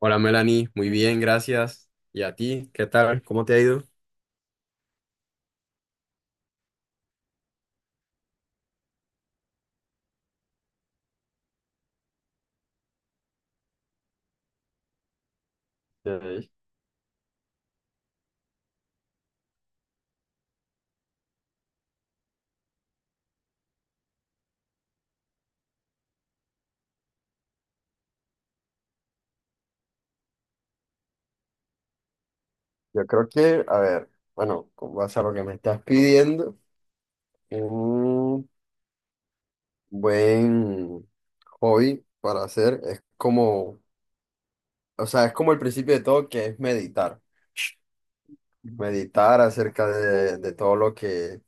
Hola Melanie, muy bien, gracias. ¿Y a ti? ¿Qué tal? ¿Cómo te ha ido? Ok. Yo creo que, a ver, bueno, con base a lo que me estás pidiendo, un buen hobby para hacer es como, o sea, es como el principio de todo que es meditar. Meditar acerca de todo lo que,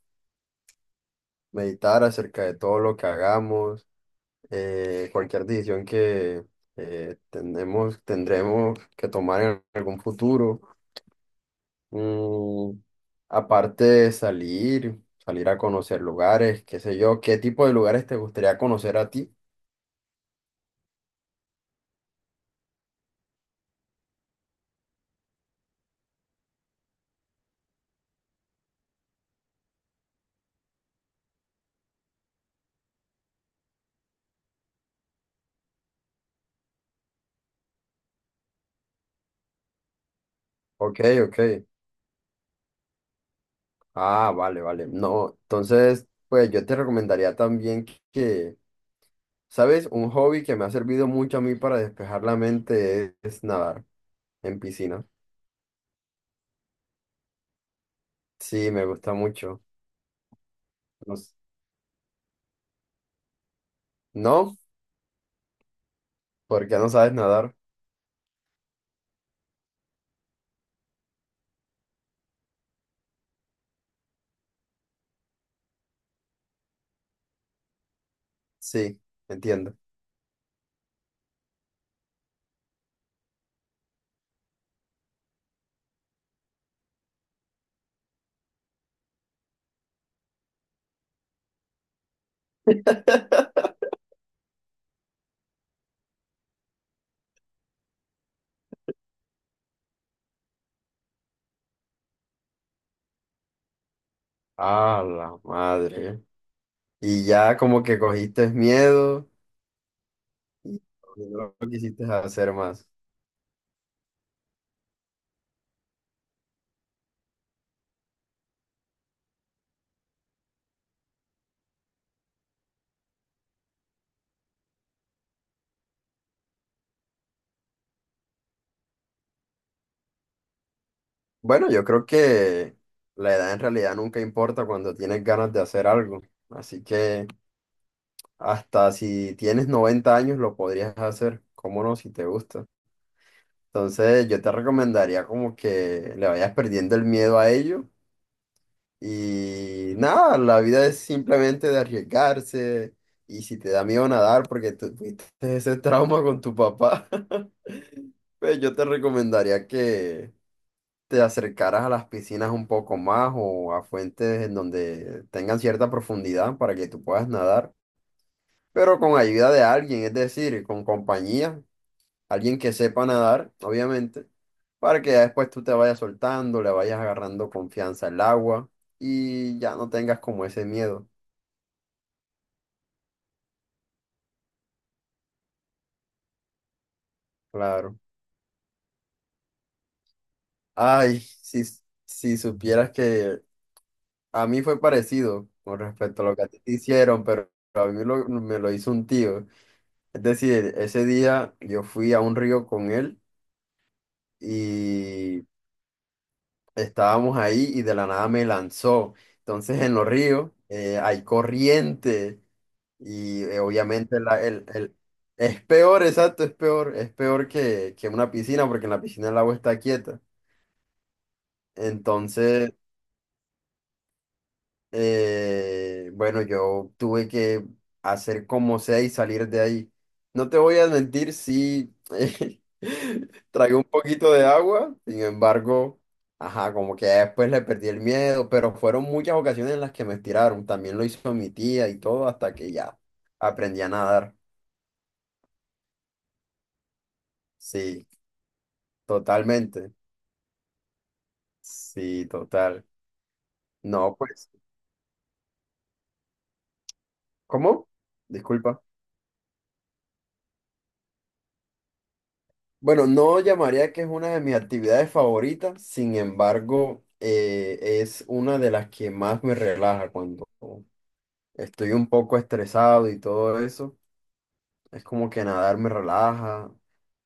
meditar acerca de todo lo que hagamos, cualquier decisión que tenemos, tendremos que tomar en algún futuro. Mm, aparte de salir, salir a conocer lugares, qué sé yo, ¿qué tipo de lugares te gustaría conocer a ti? Ok, ok. Ah, vale, vale. No, entonces, pues yo te recomendaría también que, ¿sabes? Un hobby que me ha servido mucho a mí para despejar la mente es nadar en piscina. Sí, me gusta mucho. No, ¿no? ¿Por qué no sabes nadar? Sí, entiendo. Ah, la madre. Y ya como que cogiste miedo. Y no lo quisiste hacer más. Bueno, yo creo que la edad en realidad nunca importa cuando tienes ganas de hacer algo. Así que hasta si tienes 90 años lo podrías hacer, cómo no, si te gusta. Entonces yo te recomendaría como que le vayas perdiendo el miedo a ello. Y nada, la vida es simplemente de arriesgarse. Y si te da miedo nadar porque tú tuviste ese trauma con tu papá, pues yo te recomendaría que te acercaras a las piscinas un poco más o a fuentes en donde tengan cierta profundidad para que tú puedas nadar, pero con ayuda de alguien, es decir, con compañía, alguien que sepa nadar, obviamente, para que ya después tú te vayas soltando, le vayas agarrando confianza al agua y ya no tengas como ese miedo, claro. Ay, si, si supieras que a mí fue parecido con respecto a lo que a ti te hicieron, pero a mí me lo hizo un tío. Es decir, ese día yo fui a un río con él y estábamos ahí y de la nada me lanzó. Entonces en los ríos hay corriente y obviamente es peor, exacto, es peor que una piscina porque en la piscina el agua está quieta. Entonces bueno, yo tuve que hacer como sea y salir de ahí. No te voy a mentir, sí, tragué un poquito de agua, sin embargo, ajá, como que ya después le perdí el miedo, pero fueron muchas ocasiones en las que me estiraron. También lo hizo mi tía y todo, hasta que ya aprendí a nadar. Sí, totalmente. Sí, total. No, pues, ¿cómo? Disculpa. Bueno, no llamaría que es una de mis actividades favoritas, sin embargo, es una de las que más me relaja cuando estoy un poco estresado y todo eso. Es como que nadar me relaja,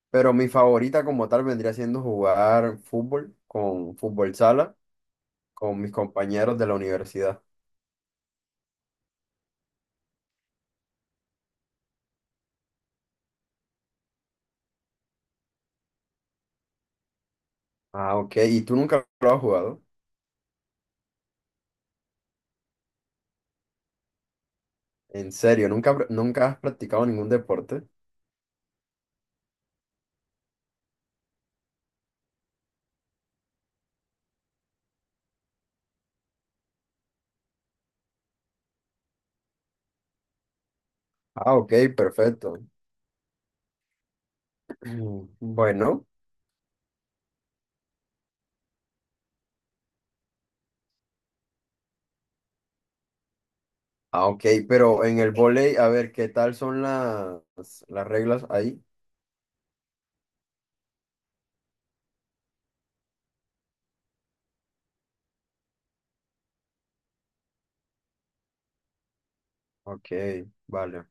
pero mi favorita como tal vendría siendo jugar fútbol con fútbol sala, con mis compañeros de la universidad. Ah, ok. ¿Y tú nunca lo has jugado? ¿En serio? ¿Nunca, nunca has practicado ningún deporte? Ah, ok, perfecto. Bueno. Ah, ok, pero en el vóley, a ver, ¿qué tal son las reglas ahí? Ok, vale.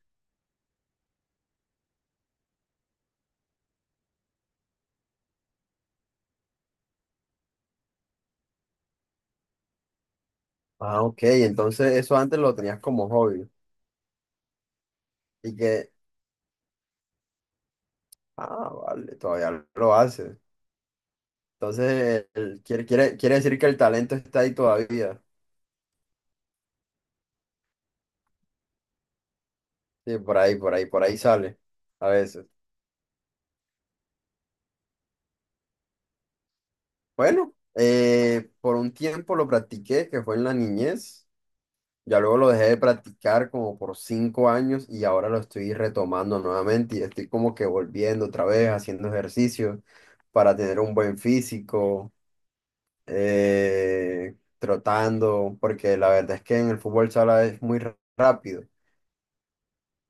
Ah, ok, entonces eso antes lo tenías como hobby y que, ah, vale, todavía lo haces. Entonces, quiere decir que el talento está ahí todavía. Sí, por ahí, por ahí, por ahí sale a veces. Bueno, por un tiempo lo practiqué, que fue en la niñez. Ya luego lo dejé de practicar como por 5 años y ahora lo estoy retomando nuevamente y estoy como que volviendo otra vez, haciendo ejercicio para tener un buen físico, trotando, porque la verdad es que en el fútbol sala es muy rápido.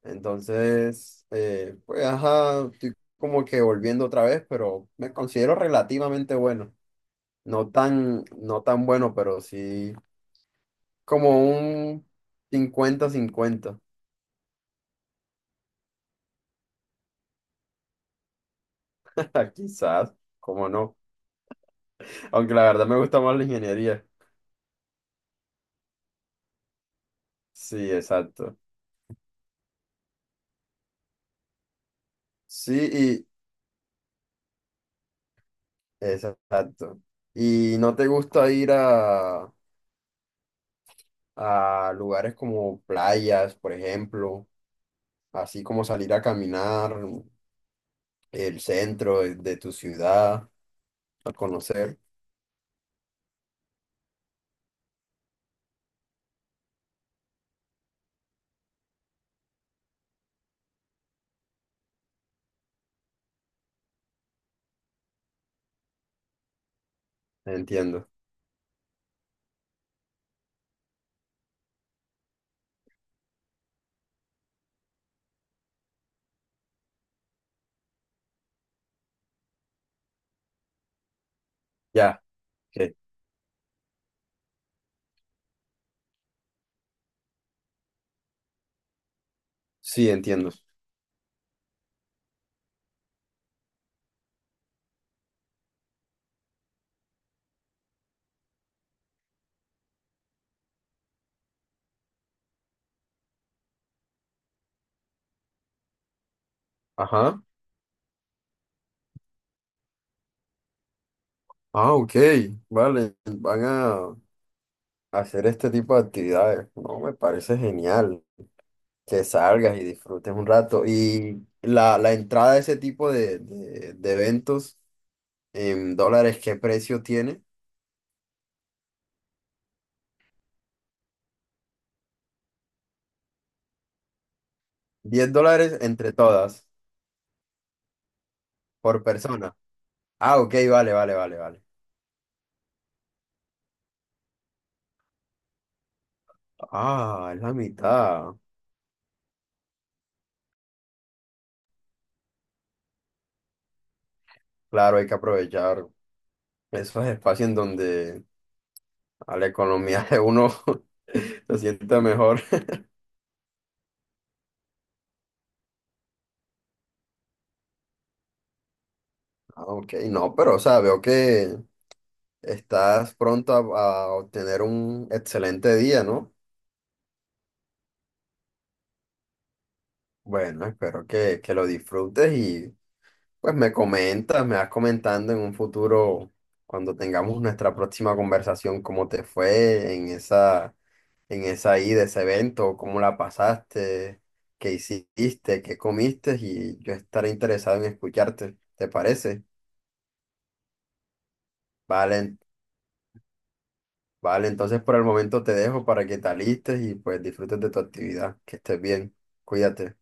Entonces, pues ajá, estoy como que volviendo otra vez, pero me considero relativamente bueno. No tan, no tan bueno, pero sí como un 50/50. Ah, quizás, cómo no. Aunque la verdad me gusta más la ingeniería. Sí, exacto. Sí, y exacto. ¿Y no te gusta ir a lugares como playas, por ejemplo? Así como salir a caminar el centro de tu ciudad, a conocer. Entiendo. Ya, ok. Sí, entiendo. Ajá. Ah, ok. Vale. Van a hacer este tipo de actividades. No, me parece genial, que salgas y disfrutes un rato. Y la entrada a ese tipo de eventos en dólares, ¿qué precio tiene? $10 entre todas, por persona. Ah, ok, vale, vale, vale, vale. Ah, es la mitad. Claro, hay que aprovechar esos espacios en donde a la economía de uno se sienta mejor. Ah, ok, no, pero o sea, veo que estás pronto a obtener un excelente día, ¿no? Bueno, espero que lo disfrutes y pues me comentas, me vas comentando en un futuro, cuando tengamos nuestra próxima conversación, cómo te fue en esa ida, ese evento, cómo la pasaste, qué hiciste, qué comiste y yo estaré interesado en escucharte, ¿te parece? Vale, vale, entonces por el momento te dejo para que te alistes y pues disfrutes de tu actividad, que estés bien, cuídate.